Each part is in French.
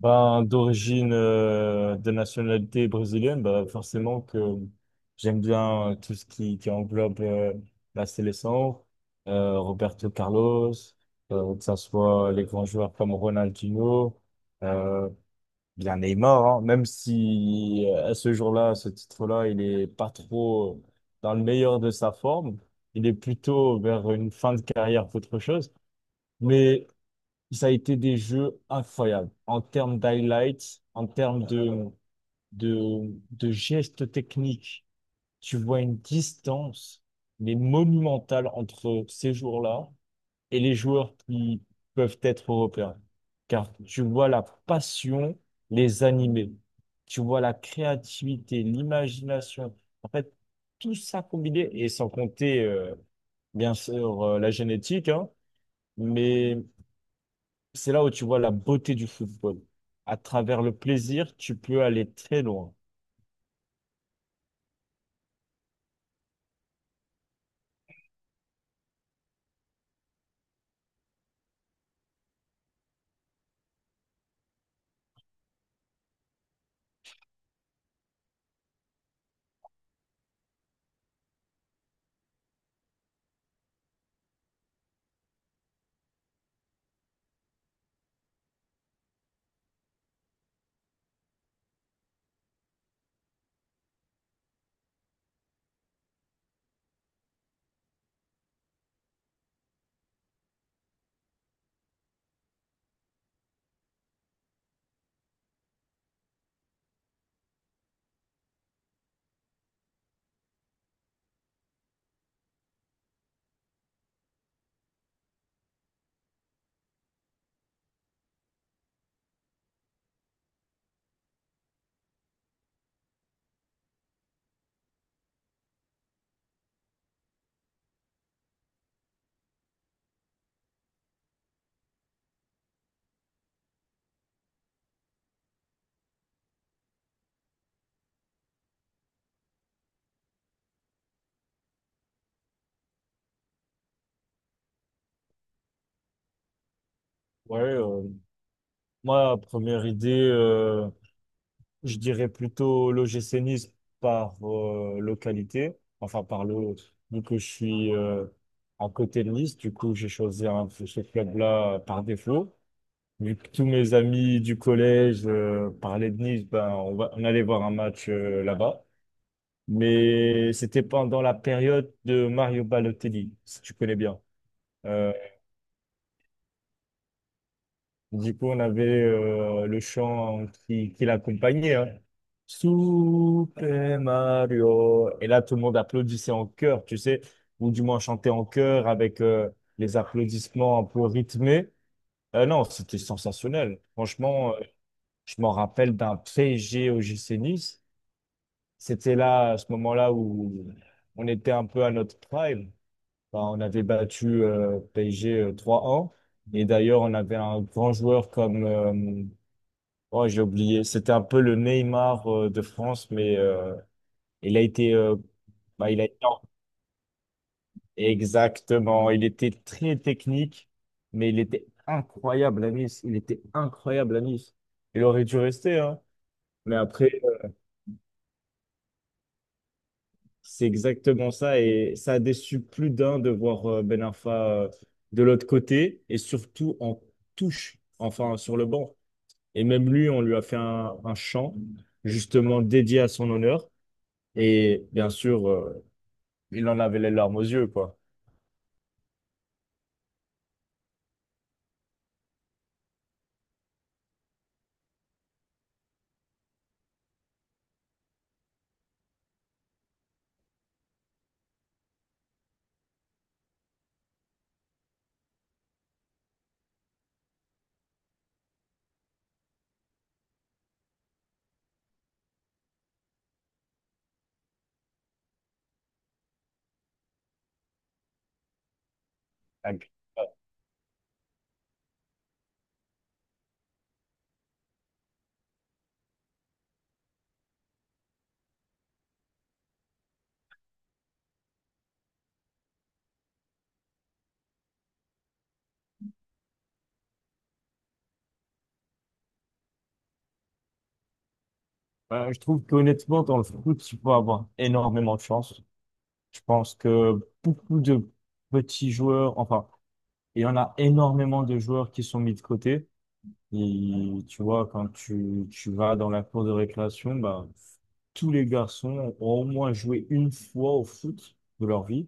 Ben, d'origine, de nationalité brésilienne, ben, forcément que j'aime bien tout ce qui englobe la sélection, Roberto Carlos, que ce soit les grands joueurs comme Ronaldinho, euh, bien Neymar, hein, même si à ce jour-là, à ce titre-là, il est pas trop dans le meilleur de sa forme, il est plutôt vers une fin de carrière qu'autre chose. Mais ça a été des jeux incroyables en termes d'highlights, en termes de gestes techniques. Tu vois une distance, mais monumentale entre ces jours-là et les joueurs qui peuvent être européens. Car tu vois la passion les animer. Tu vois la créativité, l'imagination. En fait, tout ça combiné, et sans compter, bien sûr, la génétique, hein, mais c'est là où tu vois la beauté du football. À travers le plaisir, tu peux aller très loin. Ouais, moi, première idée, je dirais plutôt l'OGC Nice par localité. Enfin, par le, vu que je suis à côté de Nice, du coup, j'ai choisi ce club-là par défaut. Vu que tous mes amis du collège parlaient de Nice, ben, on allait voir un match là-bas. Mais c'était pendant la période de Mario Balotelli, si tu connais bien. Euh, du coup, on avait le chant qui l'accompagnait, hein. Super Mario. Et là, tout le monde applaudissait en chœur, tu sais, ou du moins chantait en chœur avec les applaudissements un peu rythmés. Non, c'était sensationnel. Franchement, je m'en rappelle d'un PSG au GC Nice. C'était là, à ce moment-là, où on était un peu à notre prime. Bah, on avait battu PSG 3 un. Et d'ailleurs, on avait un grand joueur comme… oh, j'ai oublié. C'était un peu le Neymar de France, mais il a été... bah, il a... été- exactement. Il était très technique, mais il était incroyable à Nice. Il était incroyable à Nice. Il aurait dû rester, hein. Mais après, c'est exactement ça. Et ça a déçu plus d'un de voir Ben Arfa euh, de l'autre côté et surtout en touche, enfin sur le banc. Et même lui, on lui a fait un chant justement dédié à son honneur. Et bien sûr, il en avait les larmes aux yeux, quoi. Donc, euh, je trouve qu'honnêtement, dans le foot, tu peux avoir énormément de chance. Je pense que beaucoup de petits joueurs, enfin, il y en a énormément de joueurs qui sont mis de côté. Et tu vois, quand tu vas dans la cour de récréation, bah, tous les garçons ont au moins joué une fois au foot de leur vie.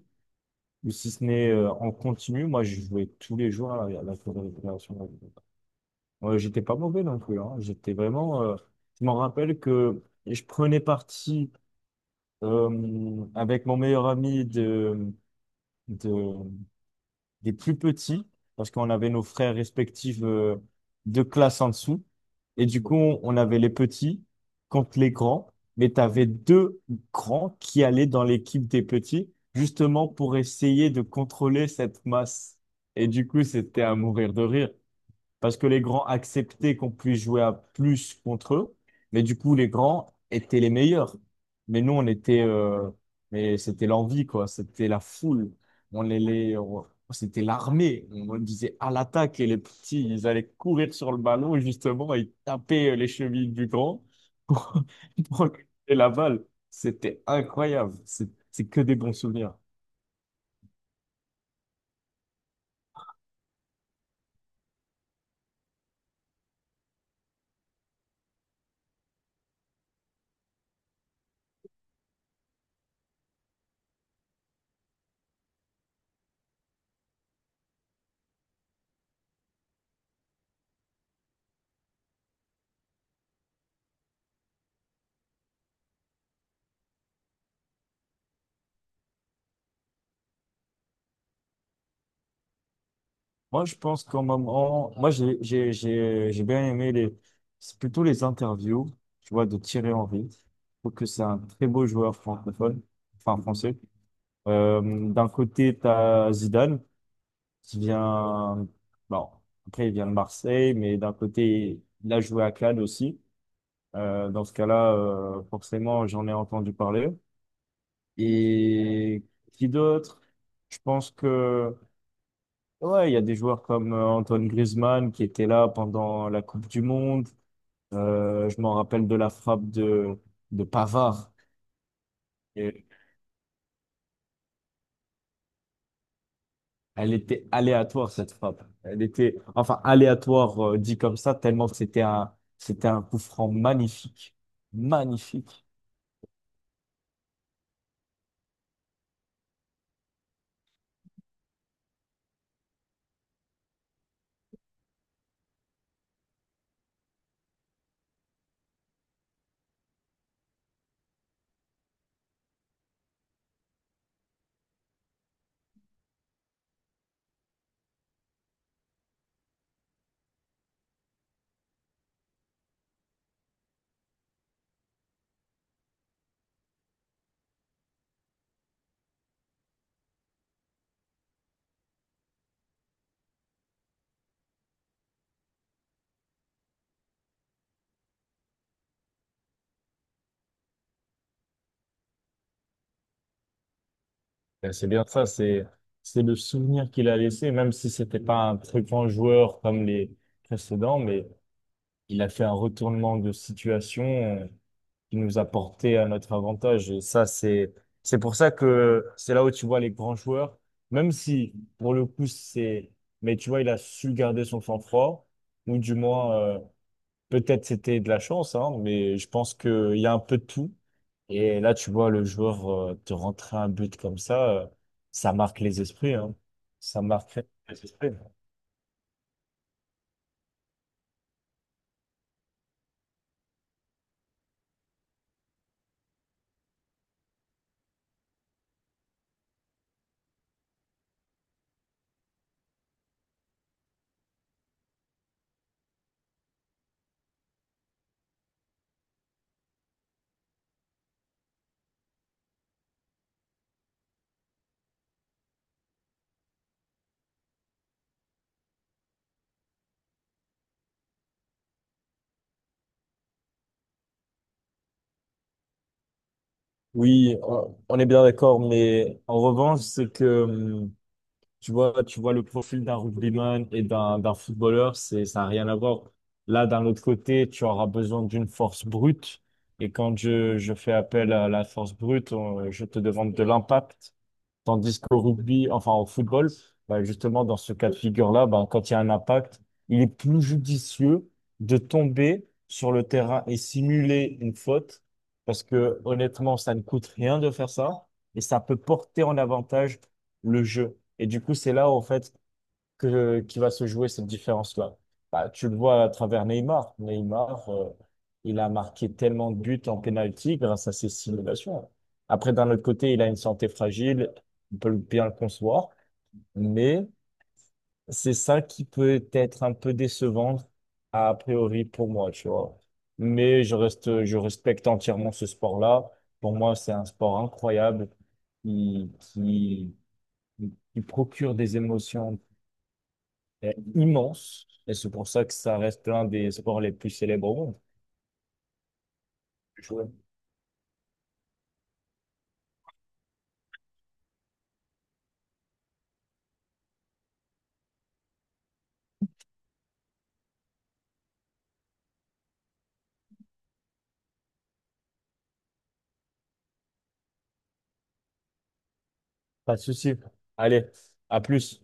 Ou si ce n'est en continu, moi je jouais tous les jours à la cour de récréation. Ouais, j'étais pas mauvais non plus, hein. J'étais vraiment, je m'en rappelle que je prenais parti avec mon meilleur ami de, des plus petits, parce qu'on avait nos frères respectifs de classe en dessous. Et du coup, on avait les petits contre les grands, mais tu avais deux grands qui allaient dans l'équipe des petits, justement pour essayer de contrôler cette masse. Et du coup, c'était à mourir de rire parce que les grands acceptaient qu'on puisse jouer à plus contre eux, mais du coup, les grands étaient les meilleurs. Mais nous, on était, mais c'était l'envie, quoi. C'était la foule. On les- on- c'était l'armée. On disait à l'attaque et les petits, ils allaient courir sur le ballon, justement, et taper les chevilles du grand pour, pour récupérer la balle. C'était incroyable. C'est que des bons souvenirs. Moi, je pense qu'au moment, moi, j'ai bien aimé les, c'est plutôt les interviews, tu vois, de Thierry Henry. Je trouve que c'est un très beau joueur francophone, enfin français. Euh, d'un côté, tu as Zidane, qui vient, bon, après, il vient de Marseille, mais d'un côté, il a joué à Cannes aussi. Dans ce cas-là, forcément, j'en ai entendu parler. Et qui d'autre? Je pense que… ouais, il y a des joueurs comme Antoine Griezmann qui était là pendant la Coupe du Monde. Je m'en rappelle de la frappe de Pavard. Et elle était aléatoire, cette frappe. Elle était, enfin, aléatoire, dit comme ça, tellement que c'était un coup franc magnifique. Magnifique. C'est bien ça, c'est le souvenir qu'il a laissé, même si c'était pas un très grand joueur comme les précédents, mais il a fait un retournement de situation qui nous a porté à notre avantage. Et ça, c'est pour ça que c'est là où tu vois les grands joueurs, même si pour le coup, c'est, mais tu vois, il a su garder son sang-froid, ou du moins, peut-être c'était de la chance, hein, mais je pense qu'il y a un peu de tout. Et là, tu vois, le joueur te rentrer un but comme ça, ça marque les esprits, hein. Ça marque les esprits. Oui, on est bien d'accord, mais en revanche, c'est que… tu vois le profil d'un rugbyman et d'un footballeur, c'est, ça n'a rien à voir. Là, d'un autre côté, tu auras besoin d'une force brute. Et quand je fais appel à la force brute, on- je te demande de l'impact. Tandis qu'au rugby, enfin au football, bah, justement, dans ce cas de figure-là, bah, quand il y a un impact, il est plus judicieux de tomber sur le terrain et simuler une faute, parce que honnêtement, ça ne coûte rien de faire ça, et ça peut porter en avantage le jeu. Et du coup, c'est là, en fait, que, qui va se jouer cette différence-là. Bah, tu le vois à travers Neymar. Neymar, il a marqué tellement de buts en pénalty grâce à ses simulations. Après, d'un autre côté, il a une santé fragile, on peut bien le concevoir, mais c'est ça qui peut être un peu décevant a priori pour moi, tu vois. Mais je reste, je respecte entièrement ce sport-là. Pour moi, c'est un sport incroyable qui, qui, qui procure des émotions est immense et c'est pour ça que ça reste l'un des sports les plus célèbres au monde. Je- pas de souci. Allez, à plus.